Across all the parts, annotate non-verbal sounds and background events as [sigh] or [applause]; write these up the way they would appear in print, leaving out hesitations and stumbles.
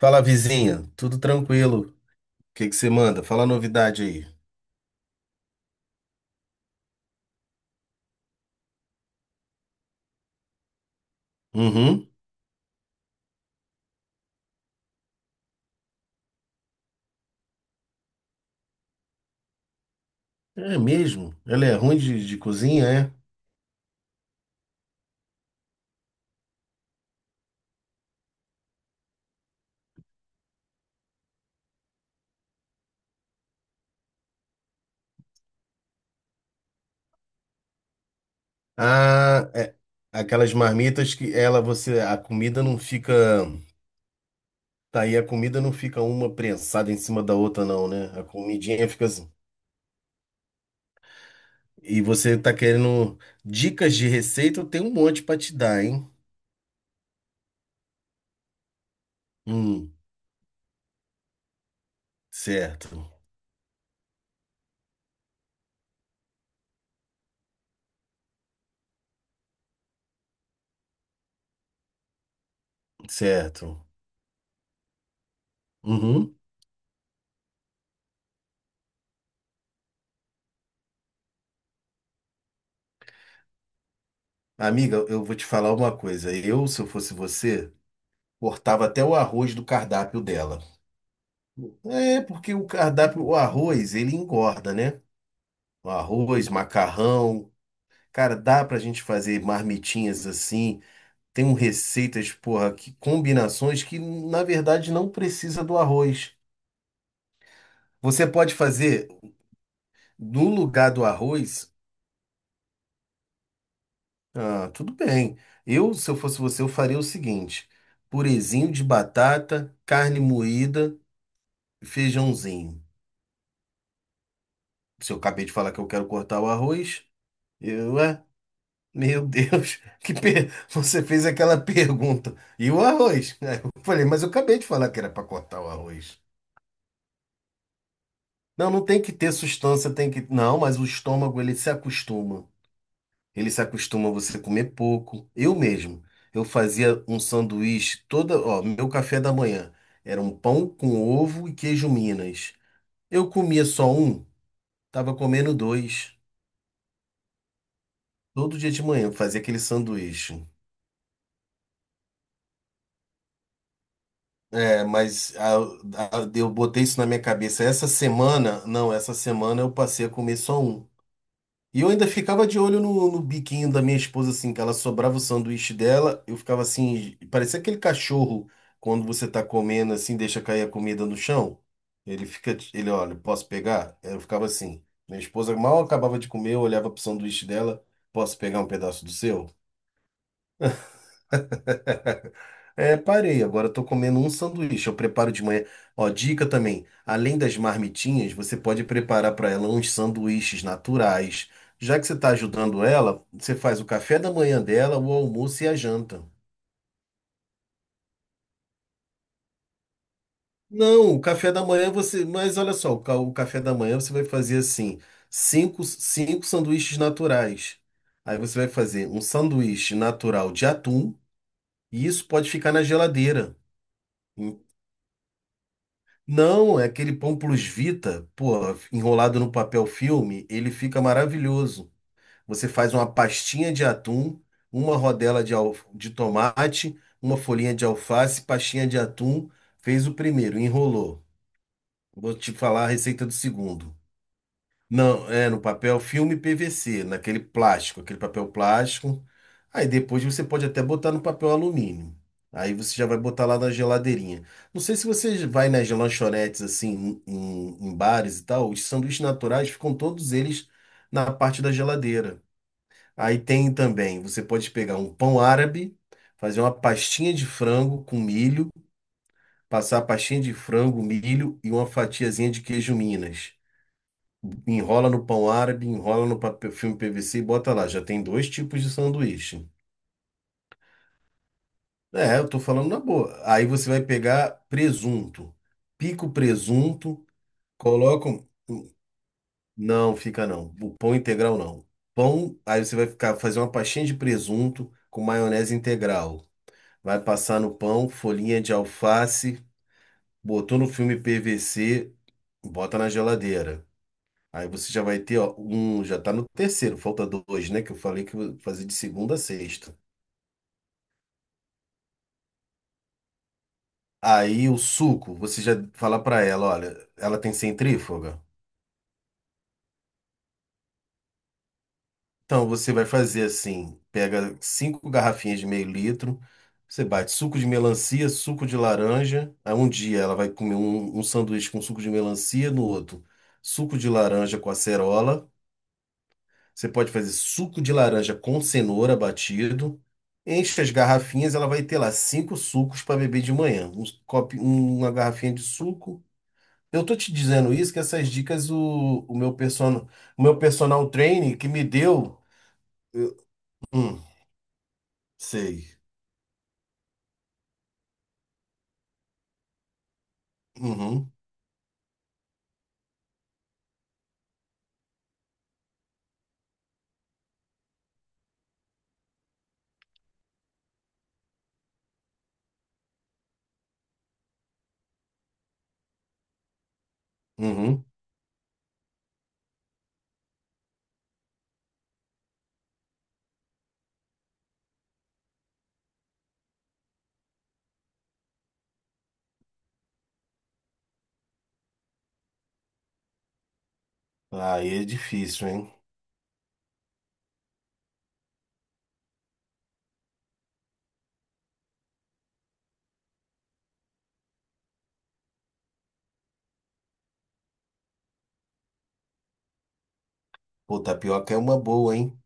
Fala, vizinha. Tudo tranquilo? O que que você manda? Fala a novidade aí. Uhum. É mesmo? Ela é ruim de cozinha, é? Ah, é. Aquelas marmitas que a comida não fica. Tá aí, a comida não fica uma prensada em cima da outra, não, né? A comidinha fica assim. E você tá querendo dicas de receita? Eu tenho um monte pra te dar, hein? Hum, certo, certo. Uhum. Amiga, eu vou te falar uma coisa. Eu, se eu fosse você, cortava até o arroz do cardápio dela. É, porque o arroz, ele engorda, né? O arroz, macarrão. Cara, dá pra gente fazer marmitinhas assim. Tem um receitas, porra, que combinações que na verdade não precisa do arroz. Você pode fazer no lugar do arroz. Ah, tudo bem. Eu, se eu fosse você, eu faria o seguinte: purezinho de batata, carne moída, feijãozinho. Se eu acabei de falar que eu quero cortar o arroz. Eu, ué, meu Deus, [laughs] você fez aquela pergunta. E o arroz? [laughs] Aí eu falei, mas eu acabei de falar que era para cortar o arroz. Não, não tem que ter sustância, tem que. Não, mas o estômago ele se acostuma. Ele se acostuma a você comer pouco. Eu mesmo, eu fazia um sanduíche toda, ó, meu café da manhã era um pão com ovo e queijo Minas. Eu comia só um, tava comendo dois. Todo dia de manhã eu fazia aquele sanduíche. É, mas a- eu botei isso na minha cabeça. Essa semana, não, essa semana eu passei a comer só um. E eu ainda ficava de olho no biquinho da minha esposa, assim, que ela sobrava o sanduíche dela. Eu ficava assim, parecia aquele cachorro quando você tá comendo, assim, deixa cair a comida no chão. Ele olha, posso pegar? Eu ficava assim. Minha esposa mal acabava de comer, eu olhava pro sanduíche dela, posso pegar um pedaço do seu? É, parei. Agora eu tô comendo um sanduíche. Eu preparo de manhã. Ó, dica também. Além das marmitinhas, você pode preparar para ela uns sanduíches naturais. Já que você está ajudando ela, você faz o café da manhã dela, o almoço e a janta. Não, o café da manhã você. Mas olha só, o café da manhã você vai fazer assim: cinco sanduíches naturais. Aí você vai fazer um sanduíche natural de atum, e isso pode ficar na geladeira. Não, é aquele pão plus vita, pô, enrolado no papel filme, ele fica maravilhoso. Você faz uma pastinha de atum, uma rodela de tomate, uma folhinha de alface, pastinha de atum, fez o primeiro, enrolou. Vou te falar a receita do segundo. Não, é no papel filme PVC, naquele plástico, aquele papel plástico. Aí depois você pode até botar no papel alumínio. Aí você já vai botar lá na geladeirinha. Não sei se você vai nas lanchonetes assim, em bares e tal, os sanduíches naturais ficam todos eles na parte da geladeira. Aí tem também, você pode pegar um pão árabe, fazer uma pastinha de frango com milho, passar a pastinha de frango, milho e uma fatiazinha de queijo Minas. Enrola no pão árabe, enrola no papel, filme PVC e bota lá. Já tem dois tipos de sanduíche. É, eu tô falando na boa. Aí você vai pegar presunto. Pica o presunto, coloca. Não, fica não. O pão integral não. Pão, aí você vai ficar fazer uma pastinha de presunto com maionese integral. Vai passar no pão, folhinha de alface, botou no filme PVC, bota na geladeira. Aí você já vai ter, ó, um, já tá no terceiro, falta dois, né? Que eu falei que eu vou fazer de segunda a sexta. Aí o suco, você já fala pra ela, olha, ela tem centrífuga. Então você vai fazer assim, pega cinco garrafinhas de meio litro, você bate suco de melancia, suco de laranja. Aí um dia ela vai comer um sanduíche com suco de melancia, no outro suco de laranja com acerola. Você pode fazer suco de laranja com cenoura batido. Enche as garrafinhas, ela vai ter lá cinco sucos para beber de manhã. Um copo, uma garrafinha de suco. Eu tô te dizendo isso, que essas dicas o meu personal, o meu personal training que me deu. eu- hum, sei. Uhum, uhum. Aí é difícil, hein? Pô, tapioca é uma boa, hein?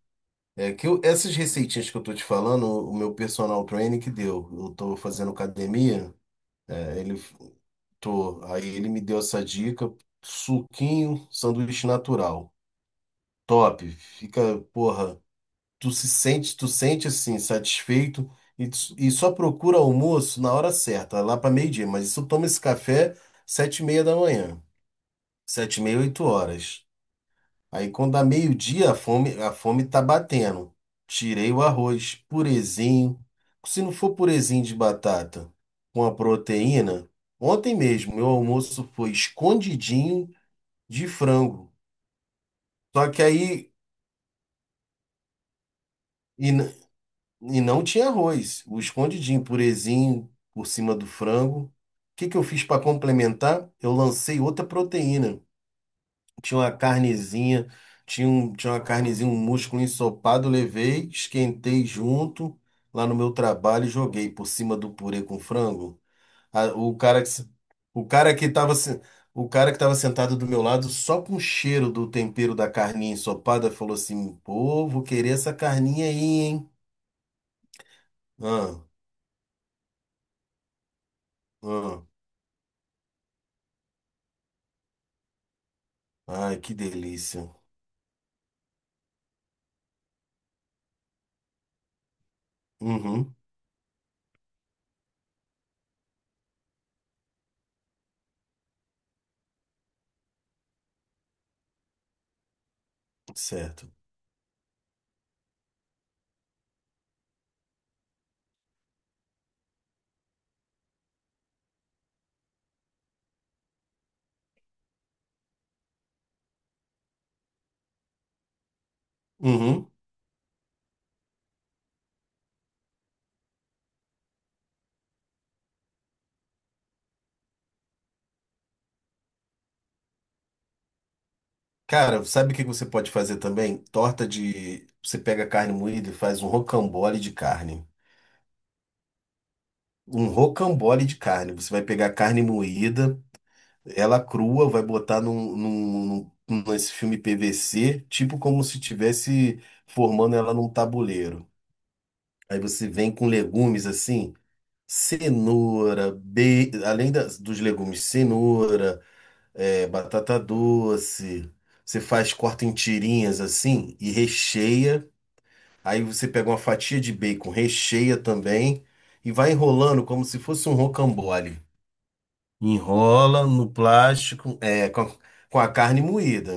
É que essas receitinhas que eu tô te falando, o meu personal training que deu. Eu tô fazendo academia, é, ele Tô. Aí ele me deu essa dica: suquinho, sanduíche natural. Top. Fica, porra, tu se sente, tu sente assim, satisfeito e só procura almoço na hora certa, lá para meio-dia. Mas isso toma esse café sete e meia da manhã, sete e meia, oito horas. Aí quando dá meio-dia, a fome tá batendo. Tirei o arroz, purezinho. Se não for purezinho de batata com a proteína, ontem mesmo meu almoço foi escondidinho de frango. Só que aí e, n- não tinha arroz, o escondidinho, purezinho por cima do frango. O que que eu fiz para complementar? Eu lancei outra proteína. Tinha uma carnezinha, tinha uma carnezinha, um músculo ensopado, levei, esquentei junto lá no meu trabalho e joguei por cima do purê com frango. A- o cara que, se- o cara que tava, se- o cara que tava sentado do meu lado, só com o cheiro do tempero da carninha ensopada, falou assim: Pô, vou querer essa carninha aí, hein? Ah, ah, ai, que delícia. Uhum, certo. Uhum. Cara, sabe o que você pode fazer também? Torta de. Você pega carne moída e faz um rocambole de carne. Um rocambole de carne. Você vai pegar a carne moída, ela crua, vai botar nesse filme PVC, tipo como se tivesse formando ela num tabuleiro. Aí você vem com legumes assim, cenoura, be... além das, dos legumes, cenoura, é, batata doce. Você faz, corta em tirinhas assim e recheia. Aí você pega uma fatia de bacon, recheia também e vai enrolando como se fosse um rocambole. Enrola no plástico, é, com a carne moída.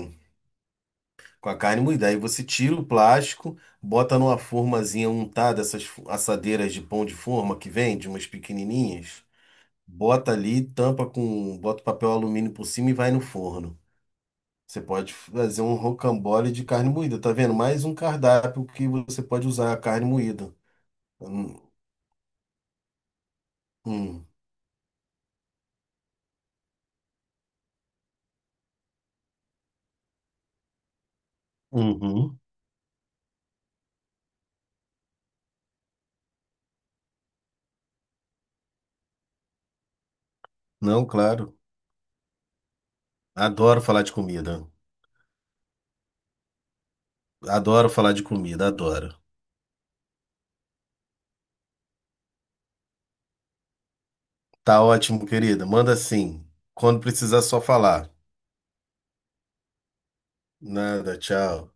Com a carne moída. Aí você tira o plástico, bota numa formazinha untada, assadeiras de pão de forma que vende, umas pequenininhas. Bota ali, bota papel alumínio por cima e vai no forno. Você pode fazer um rocambole de carne moída, tá vendo? Mais um cardápio que você pode usar a carne moída. Hum, hum. Uhum. Não, claro. Adoro falar de comida. Adoro falar de comida, adoro. Tá ótimo, querida. Manda sim. Quando precisar, só falar. Nada, tchau.